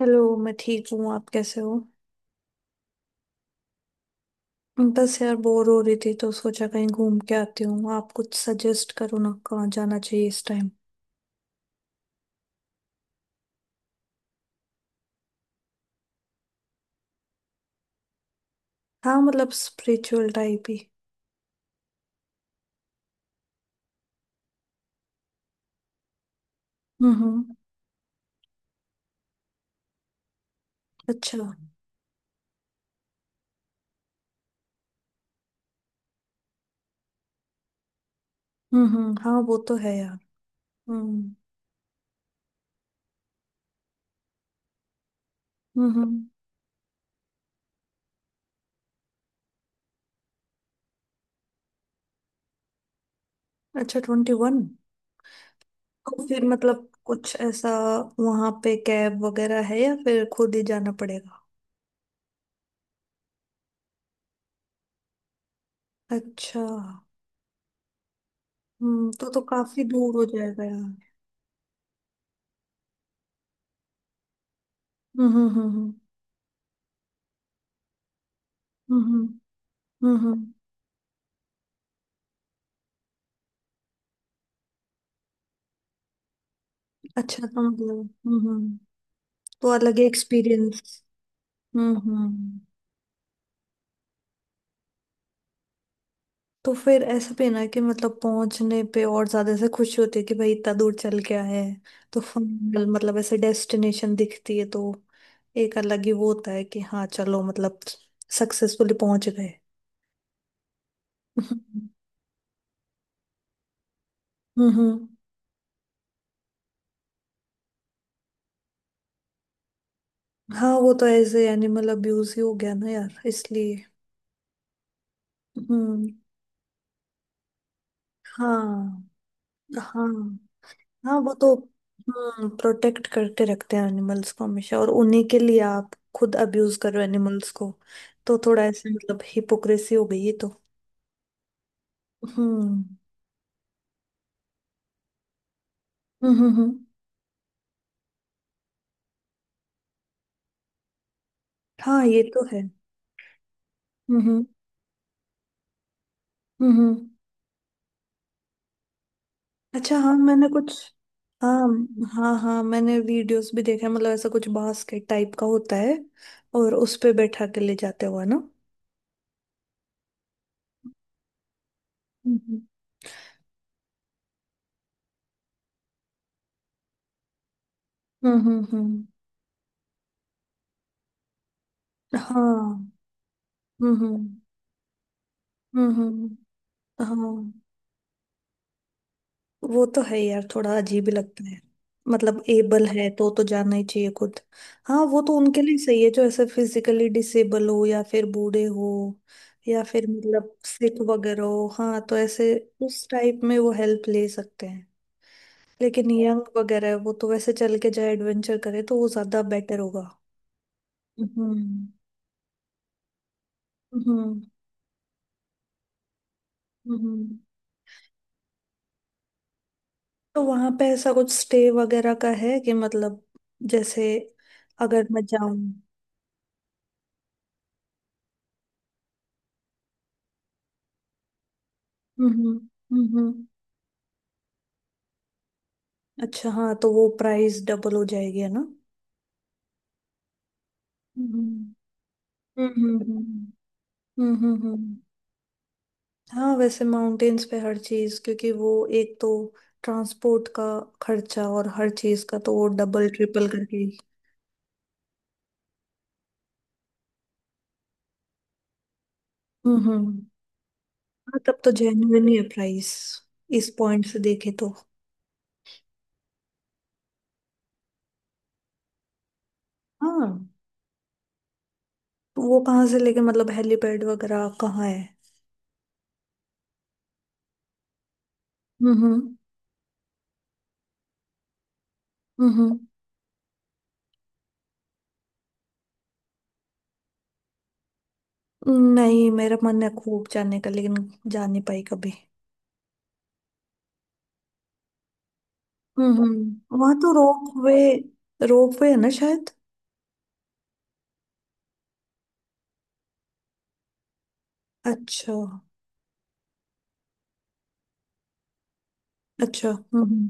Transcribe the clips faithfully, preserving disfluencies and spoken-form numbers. Hello. मैं ठीक हूँ। आप कैसे हो? बस यार, बोर हो रही थी तो सोचा कहीं घूम के आती हूँ। आप कुछ सजेस्ट करो ना, कहाँ जाना चाहिए इस टाइम। हाँ, मतलब स्पिरिचुअल टाइप ही। हम्म हम्म। अच्छा। हम्म हम्म। हाँ वो तो है यार। हम्म हम्म हम्म। अच्छा, ट्वेंटी वन। तो फिर मतलब कुछ ऐसा, वहाँ पे कैब वगैरह है या फिर खुद ही जाना पड़ेगा? अच्छा। हम्म, तो तो काफी दूर हो जाएगा यार। हम्म हम्म हम्म। हम्म हम्म हम्म हम्म। अच्छा, तो मतलब। हम्म हम्म। तो अलग एक्सपीरियंस। हम्म हम्म। तो फिर ऐसा भी है ना कि मतलब पहुंचने पे और ज्यादा से खुशी होती है कि भाई इतना दूर चल के आए हैं। तो फाइनल मतलब ऐसे डेस्टिनेशन दिखती है तो। एक अलग ही वो होता है कि हाँ चलो मतलब, सक्सेसफुली पहुंच गए। हम्म हम्म। हाँ वो तो ऐसे एनिमल अब्यूज ही हो गया ना यार, इसलिए। हम्म। हाँ हाँ। हाँ वो तो। हम्म, प्रोटेक्ट करके रखते हैं एनिमल्स को हमेशा, और उन्हीं के लिए आप खुद अब्यूज कर रहे हो एनिमल्स को। तो थोड़ा ऐसे मतलब हिपोक्रेसी हो गई ये तो। हम्म हम्म हम्म हम्म। हाँ ये तो है। हम्म हम्म हम्म। हम्म। अच्छा, हाँ मैंने कुछ। हाँ हाँ। हाँ मैंने वीडियोस भी देखा है, मतलब ऐसा कुछ बास्केट टाइप का होता है। और उस पे बैठा के ले जाते हुआ ना? हम्म हम्म हम्म हम्म। हम्म। हाँ। हम्म हम्म। हम्म हम्म। हाँ वो तो है यार, थोड़ा अजीब ही लगता है। मतलब एबल है तो तो जाना ही चाहिए खुद। हाँ वो तो उनके लिए सही है, जो ऐसे फिजिकली डिसेबल हो या फिर बूढ़े हो। या फिर मतलब सिक वगैरह हो, हाँ तो ऐसे। उस टाइप में वो हेल्प ले सकते हैं। लेकिन यंग वगैरह है, वो तो वैसे चल के जाए, एडवेंचर करे तो वो ज्यादा बेटर होगा। हम्म हम्म हम्म। तो वहां पे ऐसा कुछ स्टे वगैरह का है कि मतलब, जैसे, अगर मैं जाऊं। हम्म हम्म हम्म। अच्छा, हाँ तो वो प्राइस डबल हो जाएगी है ना? हम्म हम्म हम्म हम्म हम्म हम्म। हाँ, वैसे माउंटेन्स पे हर चीज क्योंकि वो एक तो ट्रांसपोर्ट का खर्चा और हर चीज का, तो वो डबल ट्रिपल करके ही। हम्म हम्म। हाँ, तब तो जेन्युइन ही है प्राइस, इस पॉइंट से देखे तो। हाँ, तो वो कहाँ से लेके मतलब, हेलीपैड वगैरह कहाँ है? हम्म हम्म। हम्म। हम्म। नहीं, मेरा मन है खूब जाने का लेकिन जा नहीं पाई कभी। हम्म हम्म। वहां तो रोपवे रोपवे है ना शायद? अच्छा। अच्छा। हम्म हम्म।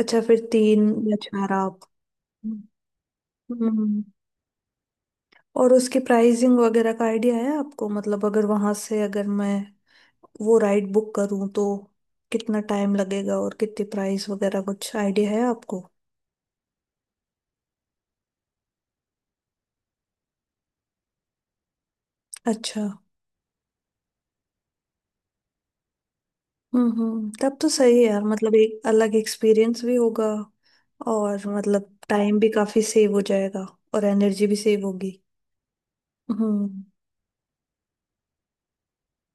अच्छा, फिर तीन या चार आप। हम्म हम्म। और उसकी प्राइसिंग वगैरह का आइडिया है आपको? मतलब, अगर वहां से, अगर मैं वो राइड बुक करूं तो कितना टाइम लगेगा और कितनी प्राइस वगैरह, कुछ आइडिया है आपको? अच्छा। हम्म हम्म, तब तो सही है यार, मतलब एक अलग एक्सपीरियंस भी होगा। और मतलब टाइम भी काफी सेव हो जाएगा। और एनर्जी भी सेव होगी। हम्म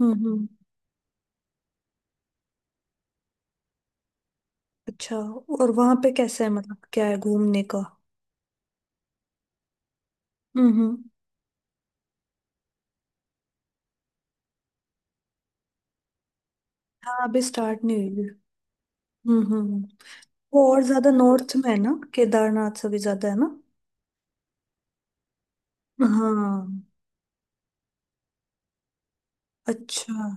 हम्म। हम्म। अच्छा। और वहां पे कैसा है, मतलब क्या है घूमने का? हम्म हम्म। हाँ, अभी स्टार्ट नहीं हुई है। हम्म हम्म हम्म। वो और ज्यादा नॉर्थ में है ना, केदारनाथ से भी ज्यादा है ना? हाँ। अच्छा।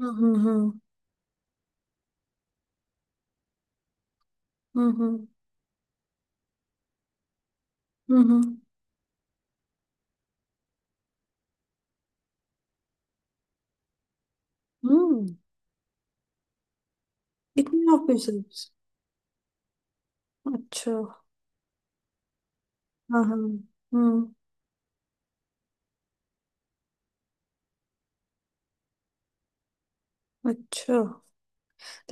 हम्म हम्म हम्म हम्म हम्म हम्म हम्म। इतने ऑफिसर्स? अच्छा। हाँ हाँ। हम्म। अच्छा।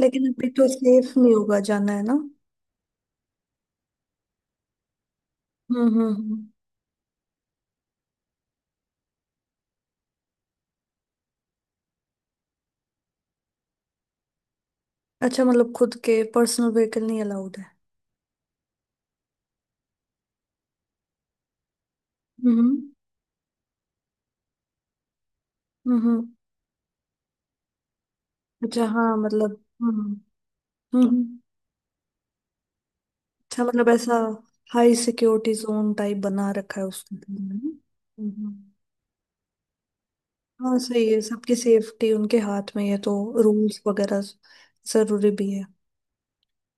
लेकिन अभी तो सेफ नहीं होगा जाना, है ना? हम्म हम्म हम्म। अच्छा, मतलब खुद के पर्सनल व्हीकल नहीं अलाउड है? हम्म हम्म। अच्छा, हाँ मतलब। हम्म हम्म। हम्म। अच्छा, मतलब ऐसा हाई सिक्योरिटी जोन टाइप बना रखा है उसने। हम्म। हम्म। हाँ, सही है, सबकी सेफ्टी उनके हाथ में है तो रूल्स वगैरह जरूरी भी है।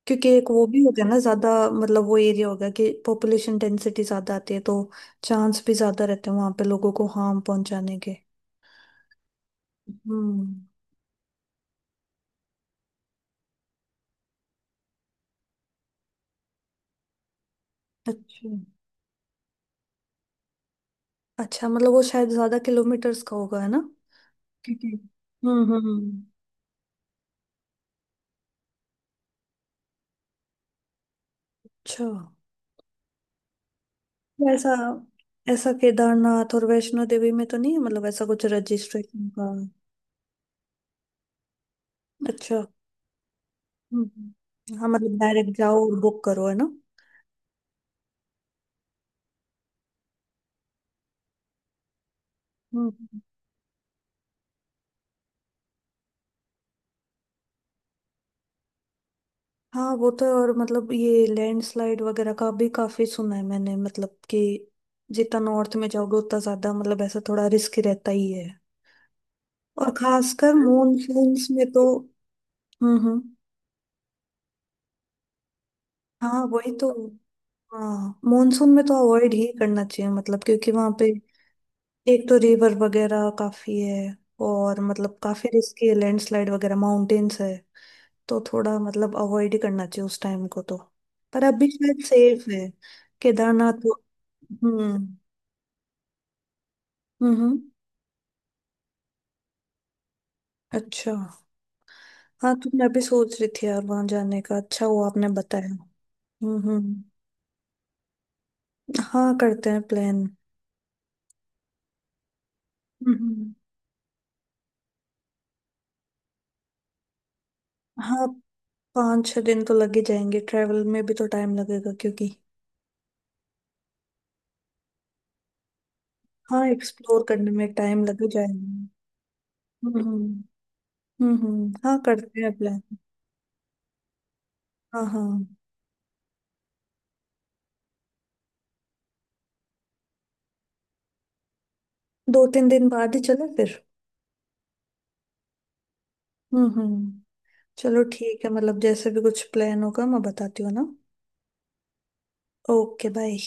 क्योंकि एक वो भी होगा ना ज्यादा, मतलब वो एरिया होगा कि पॉपुलेशन डेंसिटी ज्यादा आती है, तो चांस भी ज्यादा रहते हैं वहां पे लोगों को हार्म पहुंचाने के। हम्म। अच्छा। अच्छा, मतलब वो शायद ज्यादा किलोमीटर्स का होगा है ना, क्योंकि। हम्म हम्म। अच्छा, ऐसा? ऐसा केदारनाथ और वैष्णो देवी में तो नहीं है, मतलब ऐसा कुछ रजिस्ट्रेशन का? अच्छा। हम्म, हाँ मतलब डायरेक्ट जाओ और बुक करो है ना? हम्म। हाँ वो तो है, और मतलब ये लैंडस्लाइड वगैरह का भी काफी सुना है मैंने, मतलब कि जितना नॉर्थ में जाओगे उतना ज्यादा, मतलब ऐसा थोड़ा रिस्क रहता ही है। और खासकर मॉनसून्स में तो। हम्म हम्म। हाँ वही तो। हाँ, मॉनसून में तो अवॉइड ही करना चाहिए मतलब, क्योंकि वहां पे एक तो रिवर वगैरह काफी है। और मतलब काफी रिस्की है, लैंडस्लाइड वगैरह, माउंटेन्स है। तो थोड़ा मतलब अवॉइड ही करना चाहिए उस टाइम को तो। पर अभी शायद सेफ है केदारनाथ वो। हम्म हम्म हम्म। अच्छा, हाँ तो मैं भी सोच रही थी यार वहां जाने का, अच्छा हुआ आपने बताया। हम्म हम्म। हाँ, करते हैं प्लान। हम्म हम्म। हम्म। हाँ, पाँच छह दिन तो लग ही जाएंगे, ट्रैवल में भी तो टाइम लगेगा क्योंकि। हाँ, एक्सप्लोर करने में टाइम लग ही जाएगा। हम्म हम्म। हम्म हम्म। हाँ, करते हैं प्लान। हाँ। हाँ, दो तीन दिन बाद ही चले फिर। हम्म हम्म। चलो, ठीक है, मतलब जैसे भी कुछ प्लान होगा मैं बताती हूँ ना। Okay, bye.